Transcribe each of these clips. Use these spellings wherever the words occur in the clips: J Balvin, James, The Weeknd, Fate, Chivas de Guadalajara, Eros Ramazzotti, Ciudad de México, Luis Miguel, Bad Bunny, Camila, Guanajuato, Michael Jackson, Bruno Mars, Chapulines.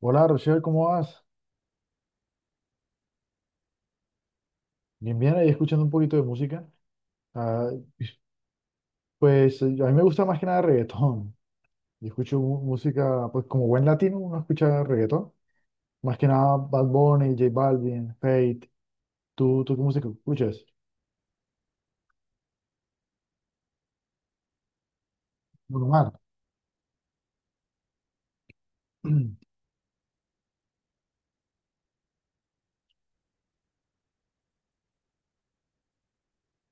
Hola Rochelle, ¿cómo vas? Bien, bien, ahí escuchando un poquito de música. Ah, pues a mí me gusta más que nada reggaetón. Yo escucho música, pues como buen latino uno escucha reggaetón. Más que nada Bad Bunny, J Balvin, Fate. ¿Tú qué música escuchas? Bruno Mars.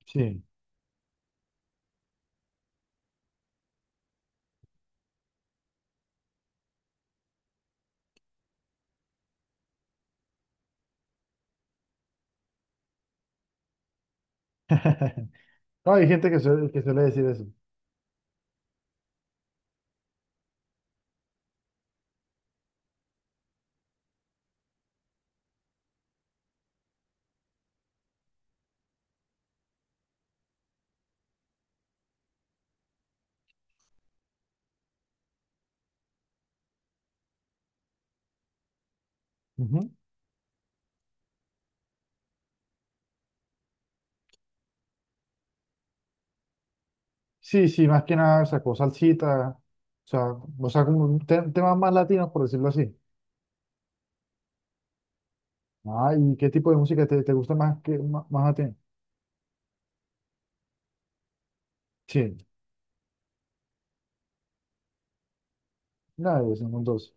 Sí. No, hay gente que suele decir eso. Ujú. Sí, sí, más que nada sacó salsita, sea, o sea, como un temas más latinos, por decirlo así. Ah, ¿y qué tipo de música te gusta más que más, más a ti? Sí. Nada, de son dos.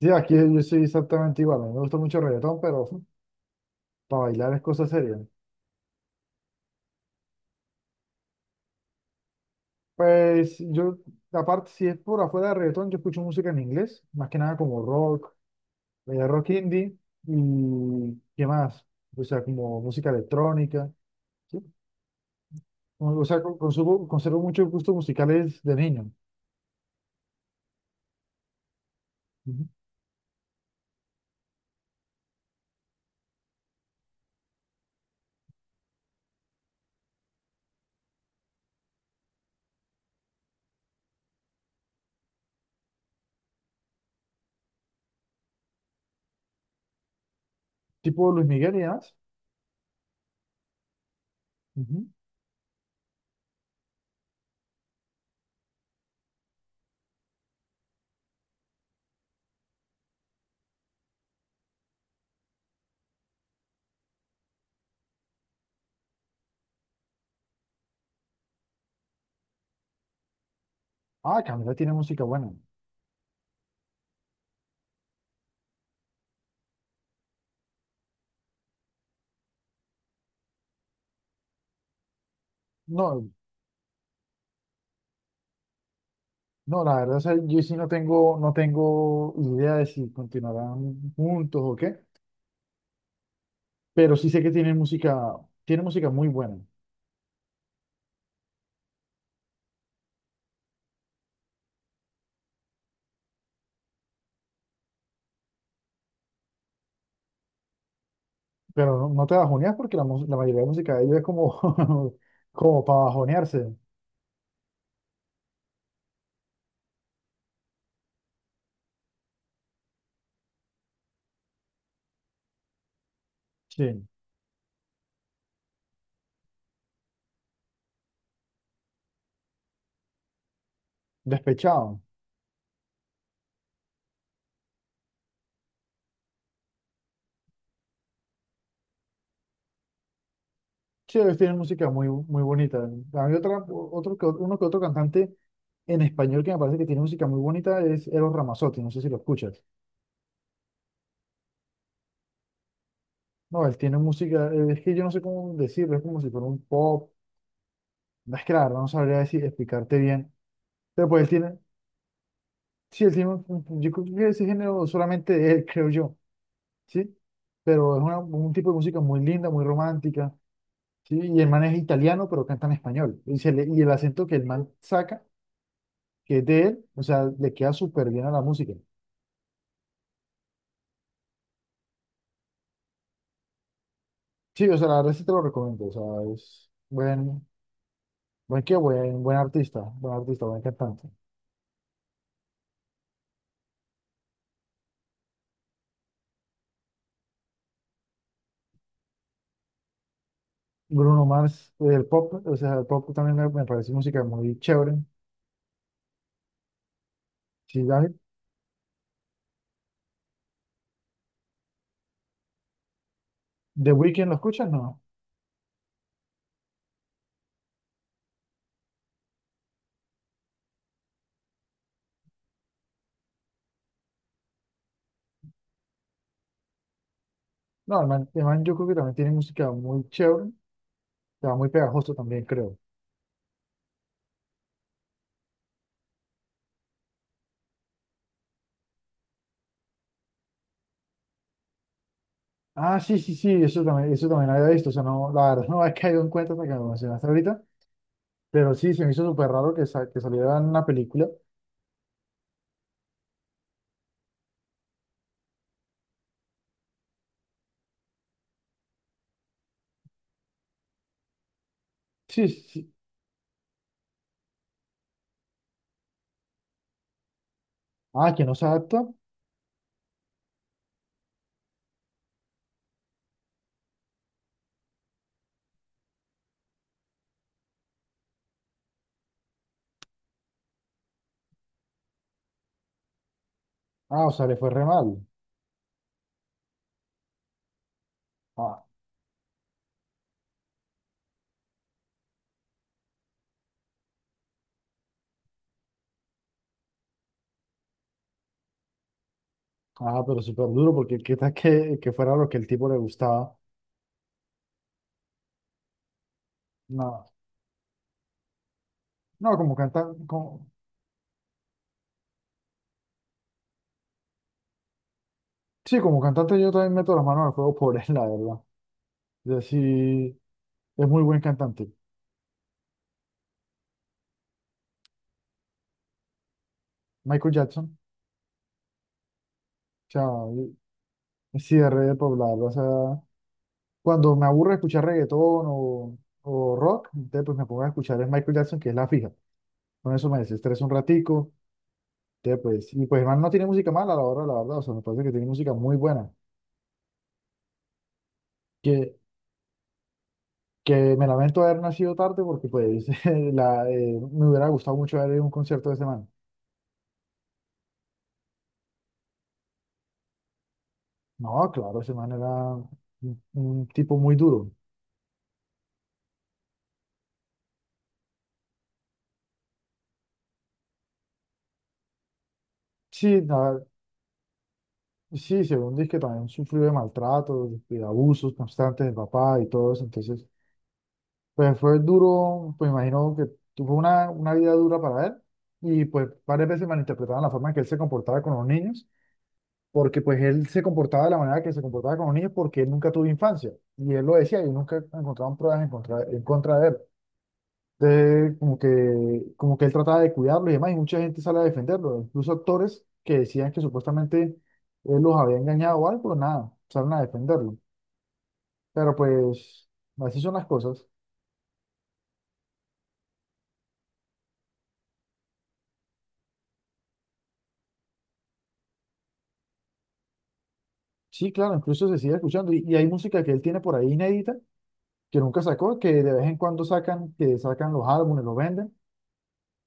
Sí, aquí yo soy exactamente igual. A mí me gusta mucho el reggaetón, pero para bailar es cosa seria. Pues yo, aparte, si es por afuera de reggaetón, yo escucho música en inglés, más que nada como rock, rock indie y qué más. O sea, como música electrónica. ¿Sí? O sea, conservo muchos gustos musicales de niño. Ujú. Tipo Luis Miguel y demás. Ujú. Ah, Camila tiene música buena. No, no, la verdad, o sea, yo sí no tengo, no tengo idea de si continuarán juntos o qué, pero sí sé que tienen música muy buena, pero no, no te bajoneas porque la mayoría de música de ellos es como, como para bajonearse, sí, despechado. Sí, ellos tienen música muy, muy bonita. Hay otra, otro, uno que otro cantante en español que me parece que tiene música muy bonita es Eros Ramazzotti, no sé si lo escuchas. No, él tiene música, es que yo no sé cómo decirlo, es como si fuera un pop. No, es que la verdad no sabría decir, explicarte bien. Pero pues él tiene, sí, él tiene, yo creo que ese género solamente él, creo yo, ¿sí? Pero es un tipo de música muy linda, muy romántica, ¿sí? Y el man es italiano, pero canta en español. Y, y el acento que el man saca, que es de él, o sea, le queda súper bien a la música. Sí, o sea, la verdad sí te lo recomiendo, o sea, es buen, buen qué, buen, buen artista, buen artista, buen cantante. Bruno Mars, el pop, o sea, el pop también me parece música muy chévere. Sí, a mí ¿The Weeknd lo escuchas? No. No, el man yo creo que también tiene música muy chévere, o sea, muy pegajoso también, creo. Ah, sí, sí, sí, eso también había visto. O sea, no, la verdad no había caído en cuenta hasta que me lo mencionaste ahorita, pero sí, se me hizo súper raro que, que saliera en una película. Sí, sí, sí. Ah, que no se adapta. Ah, o sea, le fue re mal. Ah, ah, pero súper duro, porque qué tal que fuera lo que el tipo le gustaba. No, no, como cantante, como... sí, como cantante yo también meto las manos al fuego por él, la verdad. Yo sí, es muy buen cantante. Michael Jackson, o sea, el cierre de poblado. O sea, cuando me aburre escuchar reggaetón o rock, entonces pues me pongo a escuchar el Michael Jackson, que es la fija. Con eso me desestreso un ratico. Entonces, pues, y pues el man no tiene música mala, a la verdad, la verdad. O sea, me parece que tiene música muy buena. Que, que me lamento haber nacido tarde porque pues la, me hubiera gustado mucho ver un concierto de ese man. No, claro, ese man era un tipo muy duro. Sí, no, sí, según dice que también sufrió de maltrato de abusos constantes del papá y todo eso. Entonces, pues fue duro, pues imagino que tuvo una vida dura para él y pues varias veces malinterpretaban la forma en que él se comportaba con los niños, porque pues él se comportaba de la manera que se comportaba con los niños porque él nunca tuvo infancia. Y él lo decía y nunca encontraban pruebas en contra de él. Entonces, como que él trataba de cuidarlo y demás, y mucha gente sale a defenderlo, incluso actores que decían que supuestamente él los había engañado o algo, pero nada, salen a defenderlo. Pero pues, así son las cosas. Sí, claro, incluso se sigue escuchando, y hay música que él tiene por ahí inédita, que nunca sacó, que de vez en cuando sacan, que sacan los álbumes, los venden,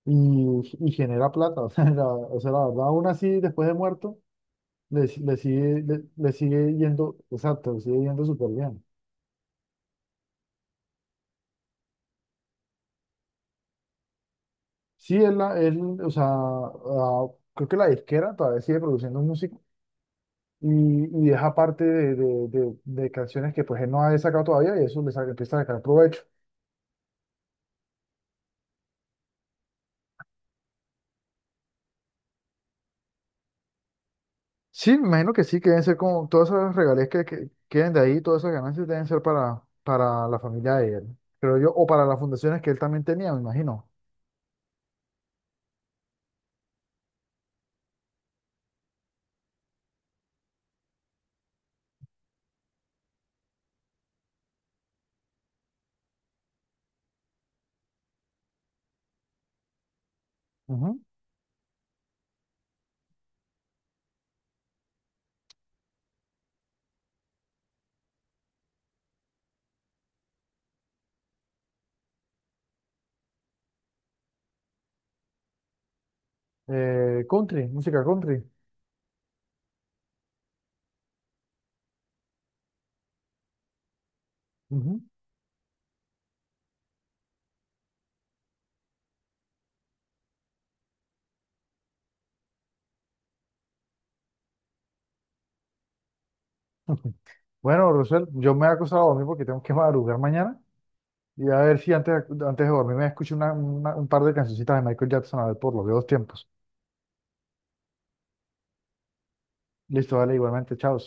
y, y genera plata, o sea, la verdad, aún así, después de muerto, le, le sigue yendo, exacto, le sigue yendo súper bien. Sí, es la, es, o sea, ah, creo que la disquera todavía sigue produciendo música y deja parte de canciones que pues él no ha sacado todavía y eso empieza a sacar provecho. Sí, me imagino que sí, que deben ser como todas esas regalías que queden de ahí, todas esas ganancias deben ser para la familia de él, creo yo, o para las fundaciones que él también tenía, me imagino. Ujú. Country, música country. Ujú. Bueno, Rosel, yo me voy a dormir porque tengo que madrugar mañana. Y a ver si antes, antes de dormir me escucho un par de cancioncitas de Michael Jackson, a ver por los viejos tiempos. Listo, dale, igualmente, chao.